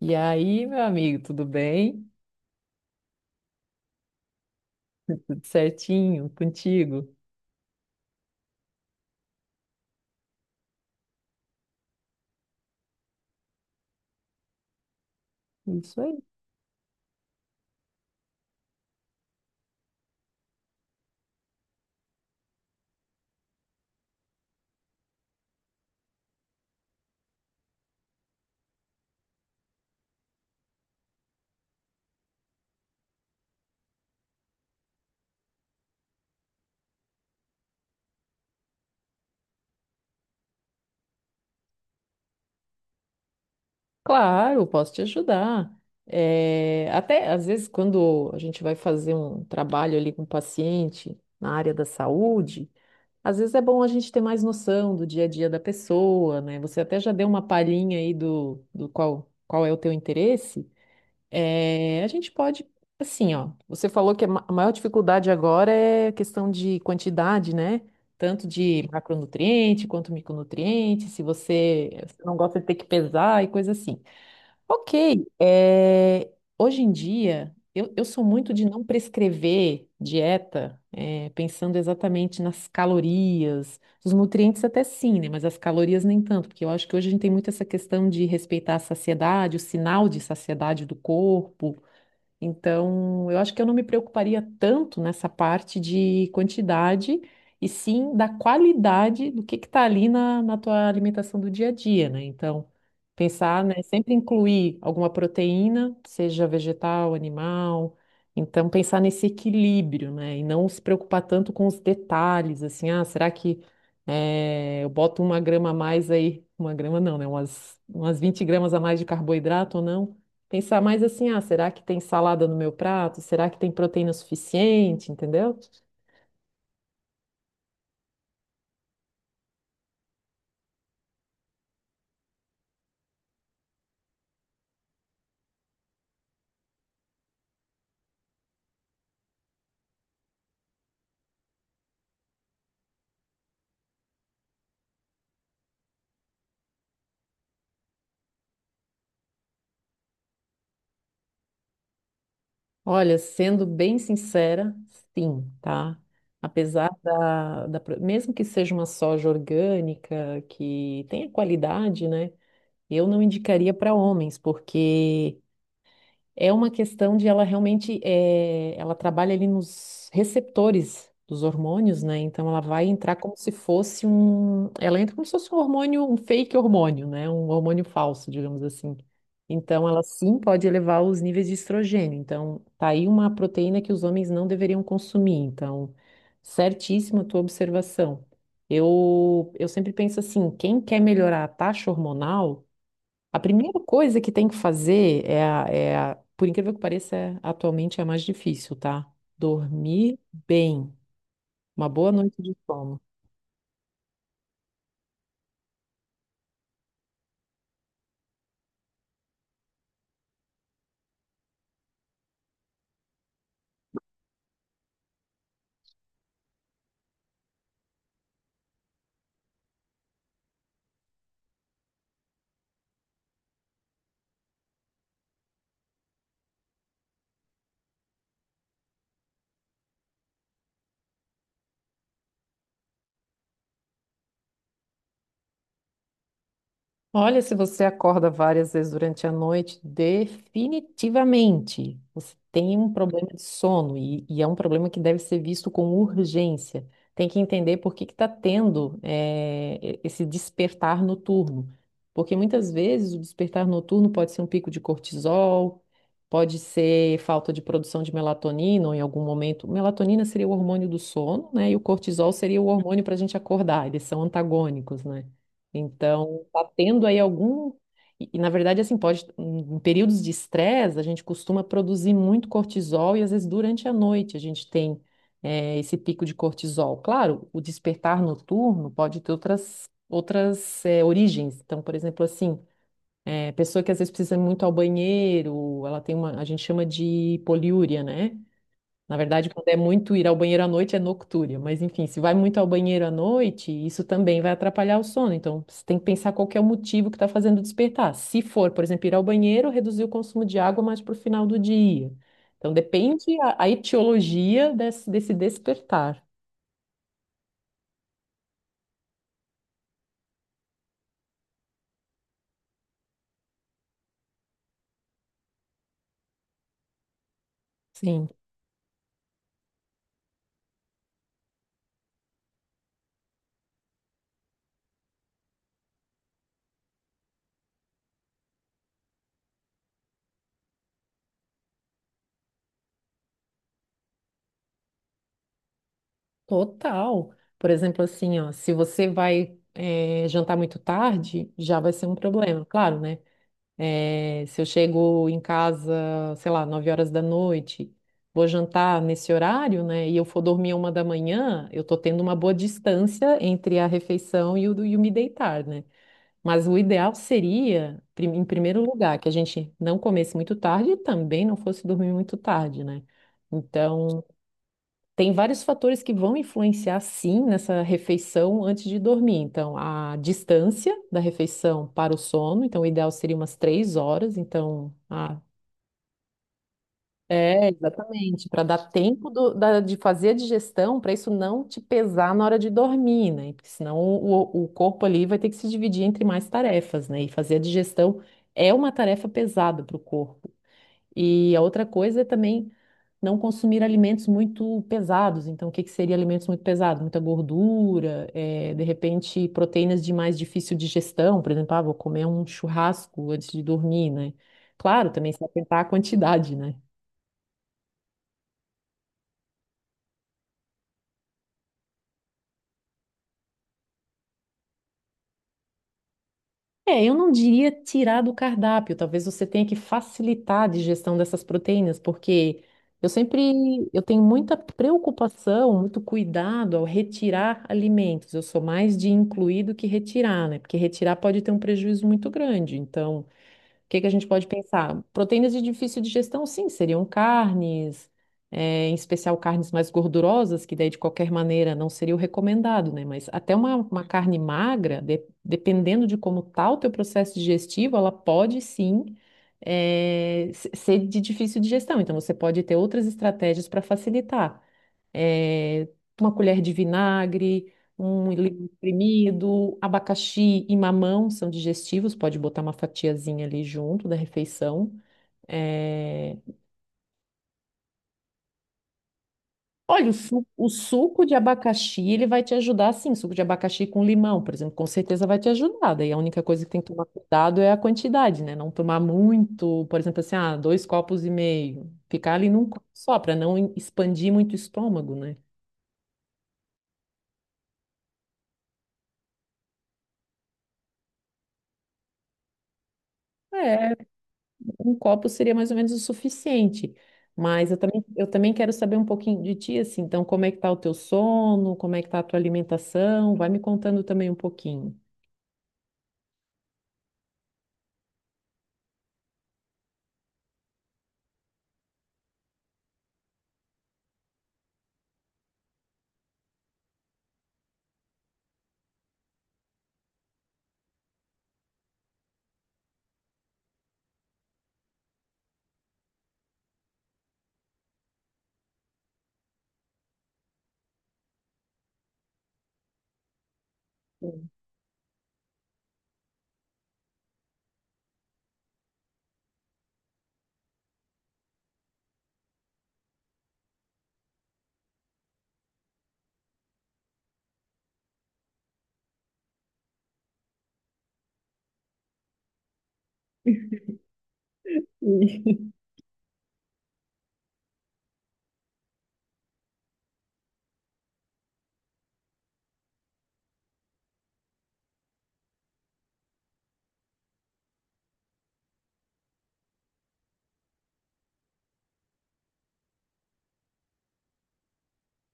E aí, meu amigo, tudo bem? Tudo certinho contigo? Isso aí. Claro, posso te ajudar. É, até às vezes, quando a gente vai fazer um trabalho ali com o paciente na área da saúde, às vezes é bom a gente ter mais noção do dia a dia da pessoa, né? Você até já deu uma palhinha aí do qual é o teu interesse. É, a gente pode, assim, ó. Você falou que a maior dificuldade agora é a questão de quantidade, né? Tanto de macronutriente quanto micronutriente. Se você não gosta de ter que pesar e coisa assim. Ok, é, hoje em dia eu sou muito de não prescrever dieta, é, pensando exatamente nas calorias, os nutrientes até sim, né? Mas as calorias nem tanto, porque eu acho que hoje a gente tem muito essa questão de respeitar a saciedade, o sinal de saciedade do corpo. Então, eu acho que eu não me preocuparia tanto nessa parte de quantidade, e sim da qualidade do que está ali na tua alimentação do dia a dia, né? Então, pensar, né, sempre incluir alguma proteína, seja vegetal, animal. Então, pensar nesse equilíbrio, né? E não se preocupar tanto com os detalhes, assim, ah, será que eu boto uma grama a mais aí? Uma grama não, né? Umas 20 gramas a mais de carboidrato ou não? Pensar mais assim, ah, será que tem salada no meu prato? Será que tem proteína suficiente? Entendeu? Olha, sendo bem sincera, sim, tá? Apesar mesmo que seja uma soja orgânica, que tenha qualidade, né? Eu não indicaria para homens, porque é uma questão de ela realmente, ela trabalha ali nos receptores dos hormônios, né? Então ela vai entrar como se fosse um, ela entra como se fosse um hormônio, um fake hormônio, né? Um hormônio falso, digamos assim. Então ela sim pode elevar os níveis de estrogênio. Então tá aí uma proteína que os homens não deveriam consumir. Então, certíssima a tua observação. Eu sempre penso assim, quem quer melhorar a taxa hormonal a primeira coisa que tem que fazer por incrível que pareça, atualmente é a mais difícil, tá? Dormir bem, uma boa noite de sono. Olha, se você acorda várias vezes durante a noite, definitivamente você tem um problema de sono e é um problema que deve ser visto com urgência. Tem que entender por que que está tendo esse despertar noturno. Porque muitas vezes o despertar noturno pode ser um pico de cortisol, pode ser falta de produção de melatonina ou em algum momento. Melatonina seria o hormônio do sono, né? E o cortisol seria o hormônio para a gente acordar, eles são antagônicos, né? Então, tá tendo aí algum. E, na verdade, assim, pode. Em períodos de estresse, a gente costuma produzir muito cortisol e às vezes durante a noite a gente tem esse pico de cortisol. Claro, o despertar noturno pode ter outras origens. Então, por exemplo, assim, pessoa que às vezes precisa ir muito ao banheiro, ela tem uma. A gente chama de poliúria, né? Na verdade, quando é muito ir ao banheiro à noite, é noctúria. Mas, enfim, se vai muito ao banheiro à noite, isso também vai atrapalhar o sono. Então, você tem que pensar qual que é o motivo que está fazendo despertar. Se for, por exemplo, ir ao banheiro, reduzir o consumo de água mais para o final do dia. Então, depende a etiologia desse despertar. Sim, total. Por exemplo, assim, ó, se você vai, jantar muito tarde, já vai ser um problema. Claro, né? É, se eu chego em casa, sei lá, 9 horas da noite, vou jantar nesse horário, né? E eu for dormir uma da manhã, eu tô tendo uma boa distância entre a refeição e e o me deitar, né? Mas o ideal seria, em primeiro lugar, que a gente não comesse muito tarde e também não fosse dormir muito tarde, né? Então, tem vários fatores que vão influenciar, sim, nessa refeição antes de dormir. Então, a distância da refeição para o sono. Então, o ideal seria umas 3 horas. Então, ah, é, exatamente. Para dar tempo de fazer a digestão, para isso não te pesar na hora de dormir, né? Porque senão o corpo ali vai ter que se dividir entre mais tarefas, né? E fazer a digestão é uma tarefa pesada para o corpo. E a outra coisa é também não consumir alimentos muito pesados. Então, o que que seria alimentos muito pesados? Muita gordura, de repente proteínas de mais difícil digestão. Por exemplo, ah, vou comer um churrasco antes de dormir, né? Claro, também se atentar à quantidade, né? É, eu não diria tirar do cardápio, talvez você tenha que facilitar a digestão dessas proteínas, porque eu tenho muita preocupação, muito cuidado ao retirar alimentos. Eu sou mais de incluir do que retirar, né? Porque retirar pode ter um prejuízo muito grande. Então, o que que a gente pode pensar? Proteínas de difícil digestão, sim, seriam carnes, em especial carnes mais gordurosas, que daí de qualquer maneira não seria o recomendado, né? Mas até uma carne magra, dependendo de como está o teu processo digestivo, ela pode sim, ser de difícil digestão. Então você pode ter outras estratégias para facilitar eh, uma colher de vinagre, um limão espremido, abacaxi e mamão são digestivos, pode botar uma fatiazinha ali junto da refeição. Eh, Olha, o suco de abacaxi, ele vai te ajudar, sim, suco de abacaxi com limão, por exemplo, com certeza vai te ajudar. Daí a única coisa que tem que tomar cuidado é a quantidade, né? Não tomar muito, por exemplo, assim, ah, dois copos e meio. Ficar ali num copo só, para não expandir muito o estômago, né? É. Um copo seria mais ou menos o suficiente. Mas eu também quero saber um pouquinho de ti, assim. Então, como é que tá o teu sono? Como é que tá a tua alimentação? Vai me contando também um pouquinho. E-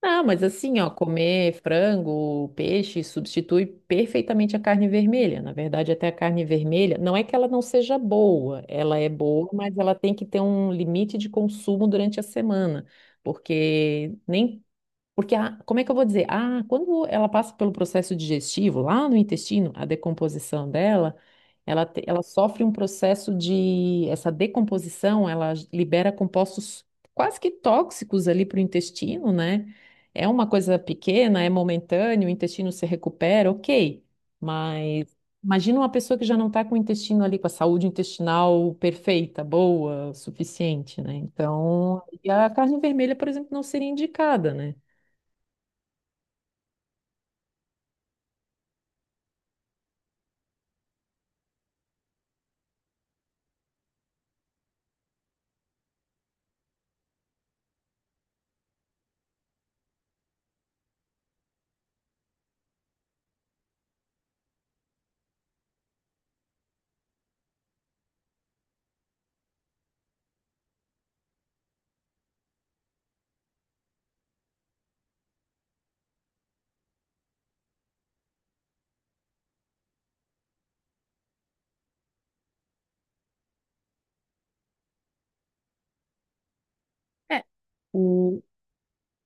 Não, mas assim, ó, comer frango, peixe substitui perfeitamente a carne vermelha. Na verdade, até a carne vermelha, não é que ela não seja boa, ela é boa, mas ela tem que ter um limite de consumo durante a semana, porque nem Porque, a, como é que eu vou dizer? Ah, quando ela passa pelo processo digestivo, lá no intestino, a decomposição dela, ela sofre um processo de. Essa decomposição, libera compostos quase que tóxicos ali para o intestino, né? É uma coisa pequena, é momentâneo, o intestino se recupera, ok. Mas imagina uma pessoa que já não está com o intestino ali, com a saúde intestinal perfeita, boa, suficiente, né? Então, e a carne vermelha, por exemplo, não seria indicada, né? É, o,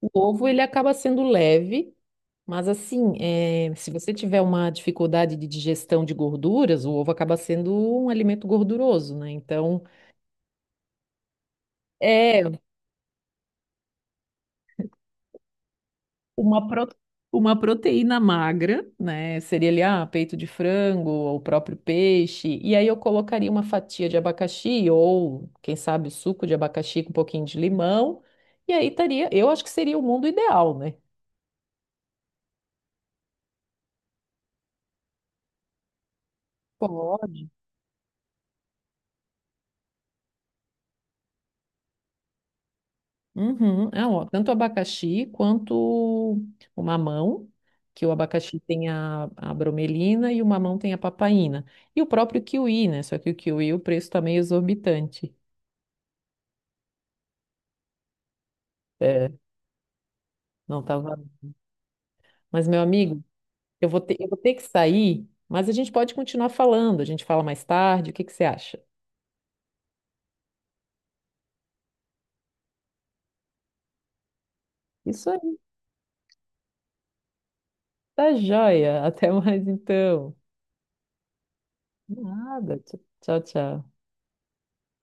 o ovo ele acaba sendo leve, mas assim, é, se você tiver uma dificuldade de digestão de gorduras, o ovo acaba sendo um alimento gorduroso, né? Então, é uma, pro- uma proteína magra, né? Seria ali, ah, peito de frango ou o próprio peixe. E aí eu colocaria uma fatia de abacaxi ou, quem sabe, suco de abacaxi com um pouquinho de limão. E aí estaria, eu acho que seria o mundo ideal, né? Pode. Uhum. Ah, ó, tanto o abacaxi quanto o mamão, que o abacaxi tem a bromelina e o mamão tem a papaina. E o próprio kiwi, né? Só que o kiwi, o preço tá meio exorbitante. É, não tá valendo. Mas, meu amigo, eu vou ter que sair, mas a gente pode continuar falando. A gente fala mais tarde, o que que você acha? Isso aí, tá joia. Até mais então. Nada. Tchau, tchau.